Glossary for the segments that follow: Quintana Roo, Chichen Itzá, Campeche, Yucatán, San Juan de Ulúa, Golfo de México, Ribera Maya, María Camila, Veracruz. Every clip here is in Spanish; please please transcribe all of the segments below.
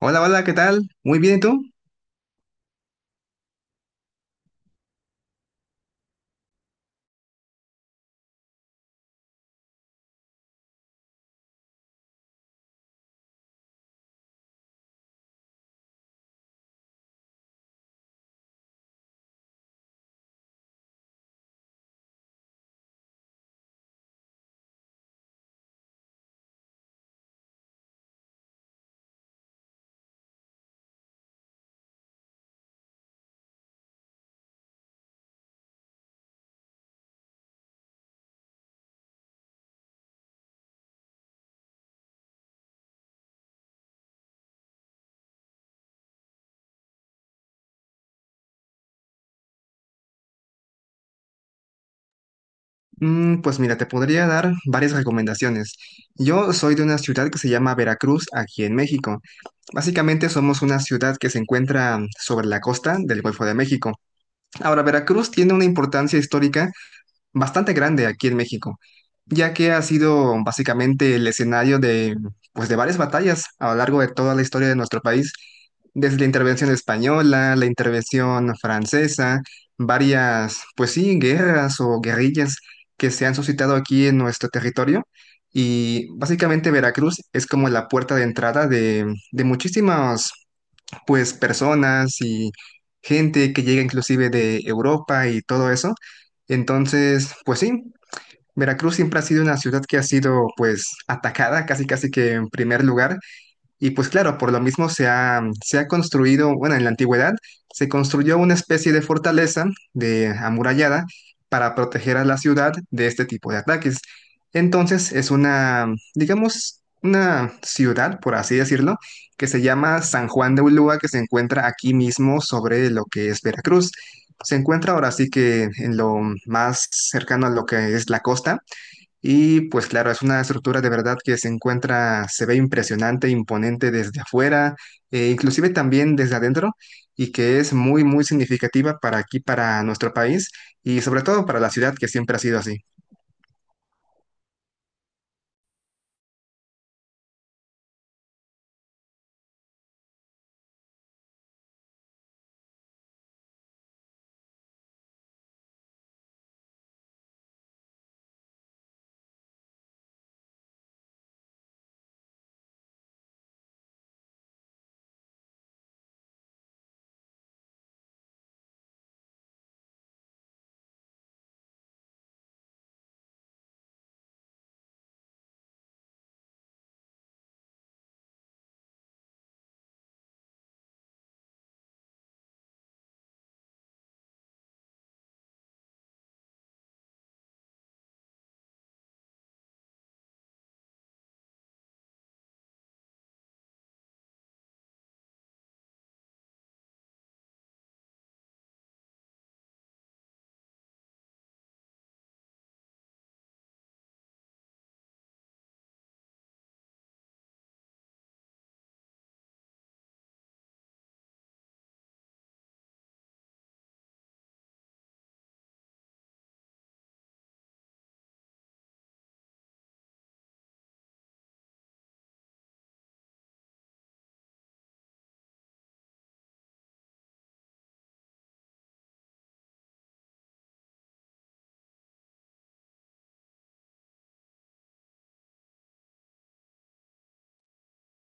Hola, hola, ¿qué tal? Muy bien, ¿y tú? Pues mira, te podría dar varias recomendaciones. Yo soy de una ciudad que se llama Veracruz, aquí en México. Básicamente somos una ciudad que se encuentra sobre la costa del Golfo de México. Ahora, Veracruz tiene una importancia histórica bastante grande aquí en México, ya que ha sido básicamente el escenario de, pues, de varias batallas a lo largo de toda la historia de nuestro país, desde la intervención española, la intervención francesa, varias, pues sí, guerras o guerrillas que se han suscitado aquí en nuestro territorio. Y básicamente Veracruz es como la puerta de entrada de muchísimas pues personas y gente que llega inclusive de Europa y todo eso. Entonces, pues sí, Veracruz siempre ha sido una ciudad que ha sido pues atacada casi casi que en primer lugar y pues claro, por lo mismo se ha construido, bueno, en la antigüedad se construyó una especie de fortaleza de amurallada para proteger a la ciudad de este tipo de ataques. Entonces es una, digamos, una ciudad, por así decirlo, que se llama San Juan de Ulúa, que se encuentra aquí mismo sobre lo que es Veracruz. Se encuentra ahora sí que en lo más cercano a lo que es la costa y pues claro, es una estructura de verdad que se encuentra, se ve impresionante, imponente desde afuera, e inclusive también desde adentro, y que es muy, muy significativa para aquí, para nuestro país, y sobre todo para la ciudad que siempre ha sido así.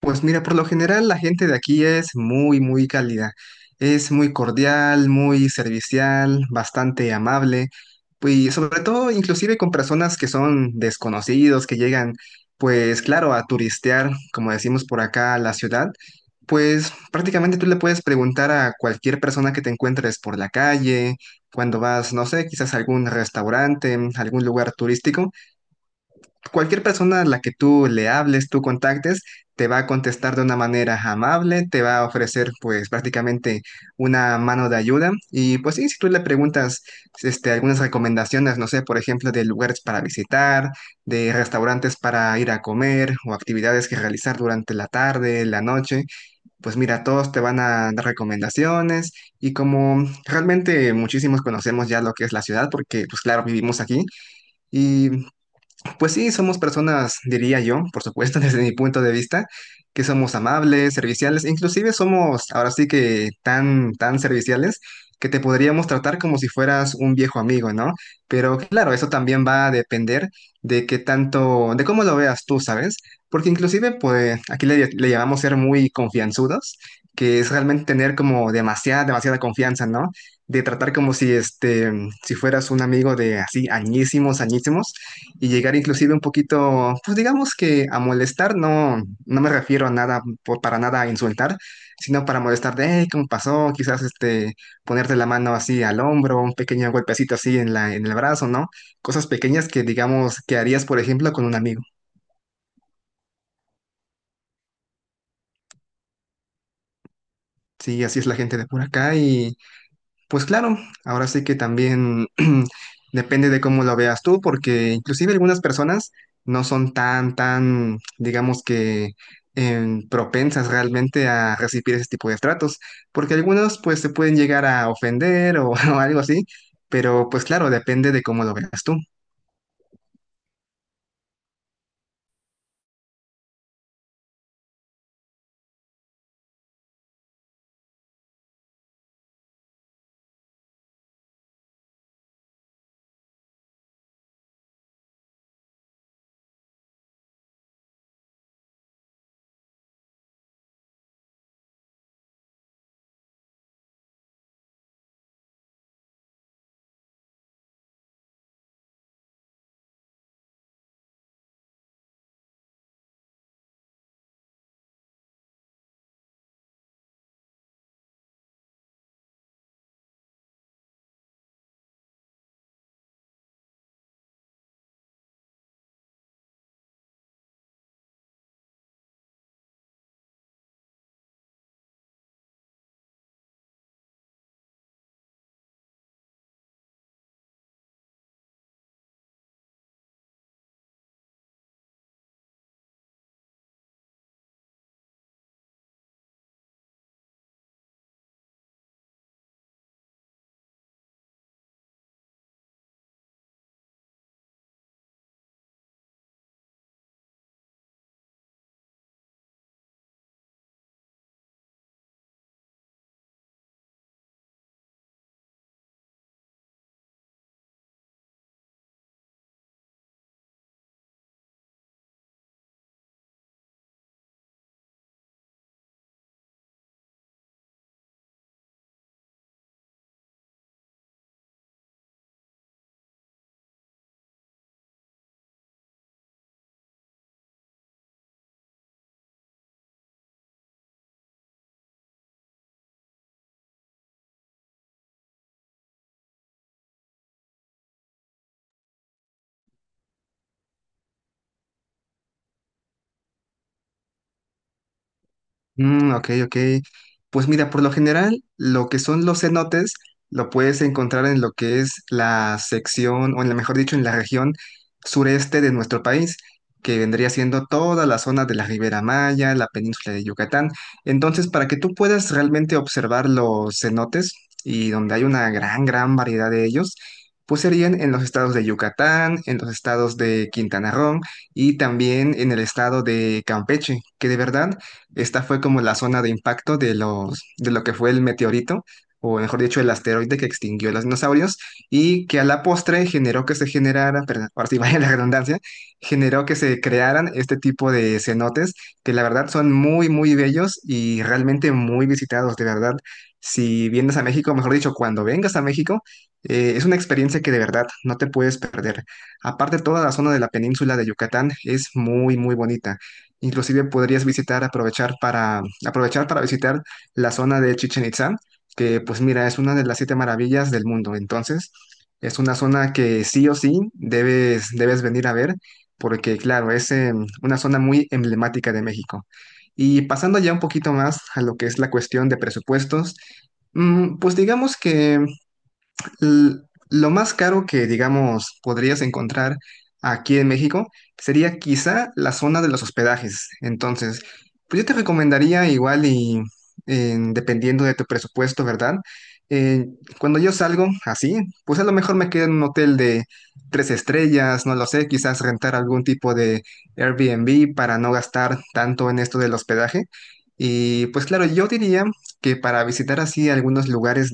Pues mira, por lo general la gente de aquí es muy, muy cálida. Es muy cordial, muy servicial, bastante amable. Y sobre todo, inclusive con personas que son desconocidos, que llegan, pues claro, a turistear, como decimos por acá, a la ciudad. Pues prácticamente tú le puedes preguntar a cualquier persona que te encuentres por la calle, cuando vas, no sé, quizás a algún restaurante, algún lugar turístico cualquier persona a la que tú le hables, tú contactes, te va a contestar de una manera amable, te va a ofrecer pues prácticamente una mano de ayuda. Y pues sí, si tú le preguntas este, algunas recomendaciones, no sé, por ejemplo, de lugares para visitar, de restaurantes para ir a comer o actividades que realizar durante la tarde, la noche, pues mira, todos te van a dar recomendaciones. Y como realmente muchísimos conocemos ya lo que es la ciudad, porque pues claro, vivimos aquí. Y pues sí, somos personas, diría yo, por supuesto, desde mi punto de vista, que somos amables, serviciales, inclusive somos ahora sí que tan, tan serviciales que te podríamos tratar como si fueras un viejo amigo, ¿no? Pero claro, eso también va a depender de qué tanto, de cómo lo veas tú, ¿sabes? Porque inclusive, pues, aquí le llamamos ser muy confianzudos, que es realmente tener como demasiada, demasiada confianza, ¿no? De tratar como si fueras un amigo de así, añísimos, añísimos y llegar inclusive un poquito, pues digamos que a molestar, no, no me refiero a nada, para nada a insultar, sino para molestar de, "Ey, ¿cómo pasó?" Quizás este, ponerte la mano así al hombro, un pequeño golpecito así en la, en el brazo, ¿no? Cosas pequeñas que digamos que harías, por ejemplo, con un amigo. Sí, así es la gente de por acá. Y pues claro, ahora sí que también depende de cómo lo veas tú, porque inclusive algunas personas no son tan, tan, digamos que propensas realmente a recibir ese tipo de tratos, porque algunos pues se pueden llegar a ofender o, o algo así, pero pues claro, depende de cómo lo veas tú. Mm, ok, ok. Pues mira, por lo general, lo que son los cenotes lo puedes encontrar en lo que es la sección, o en la, mejor dicho, en la región sureste de nuestro país, que vendría siendo toda la zona de la Ribera Maya, la península de Yucatán. Entonces, para que tú puedas realmente observar los cenotes, y donde hay una gran, gran variedad de ellos, pues serían en los estados de Yucatán, en los estados de Quintana Roo y también en el estado de Campeche, que de verdad... Esta fue como la zona de impacto de lo que fue el meteorito, o mejor dicho, el asteroide que extinguió a los dinosaurios y que a la postre generó que se generara, perdón, ahora sí vaya la redundancia, generó que se crearan este tipo de cenotes que la verdad son muy, muy bellos y realmente muy visitados, de verdad. Si vienes a México, mejor dicho, cuando vengas a México, es una experiencia que de verdad no te puedes perder. Aparte, toda la zona de la península de Yucatán es muy, muy bonita. Inclusive podrías visitar, aprovechar para visitar la zona de Chichen Itzá, que pues mira, es una de las siete maravillas del mundo. Entonces, es una zona que sí o sí debes venir a ver, porque claro, es una zona muy emblemática de México. Y pasando ya un poquito más a lo que es la cuestión de presupuestos, pues digamos que L- Lo más caro que, digamos, podrías encontrar aquí en México sería quizá la zona de los hospedajes. Entonces, pues yo te recomendaría igual y dependiendo de tu presupuesto, ¿verdad? Eh, cuando yo salgo así, pues a lo mejor me quedo en un hotel de 3 estrellas, no lo sé, quizás rentar algún tipo de Airbnb para no gastar tanto en esto del hospedaje. Y pues claro, yo diría que para visitar así algunos lugares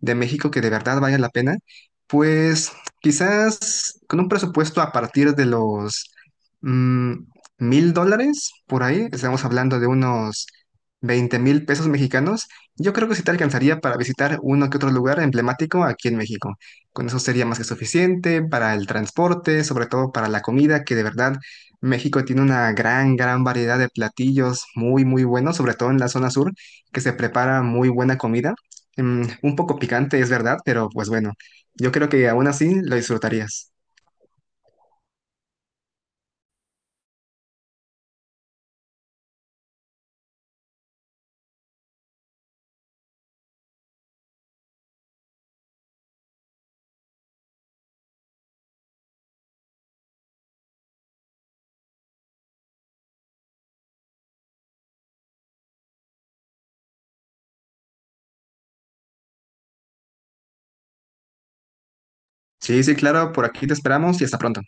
de México que de verdad valga la pena, pues quizás con un presupuesto a partir de los mm, $1,000 por ahí, estamos hablando de unos 20,000 pesos mexicanos, yo creo que sí te alcanzaría para visitar uno que otro lugar emblemático aquí en México. Con eso sería más que suficiente para el transporte, sobre todo para la comida, que de verdad México tiene una gran, gran variedad de platillos muy, muy buenos, sobre todo en la zona sur, que se prepara muy buena comida. Mm, un poco picante, es verdad, pero pues bueno, yo creo que aún así lo disfrutarías. Sí, sí, claro, por aquí te esperamos y hasta pronto.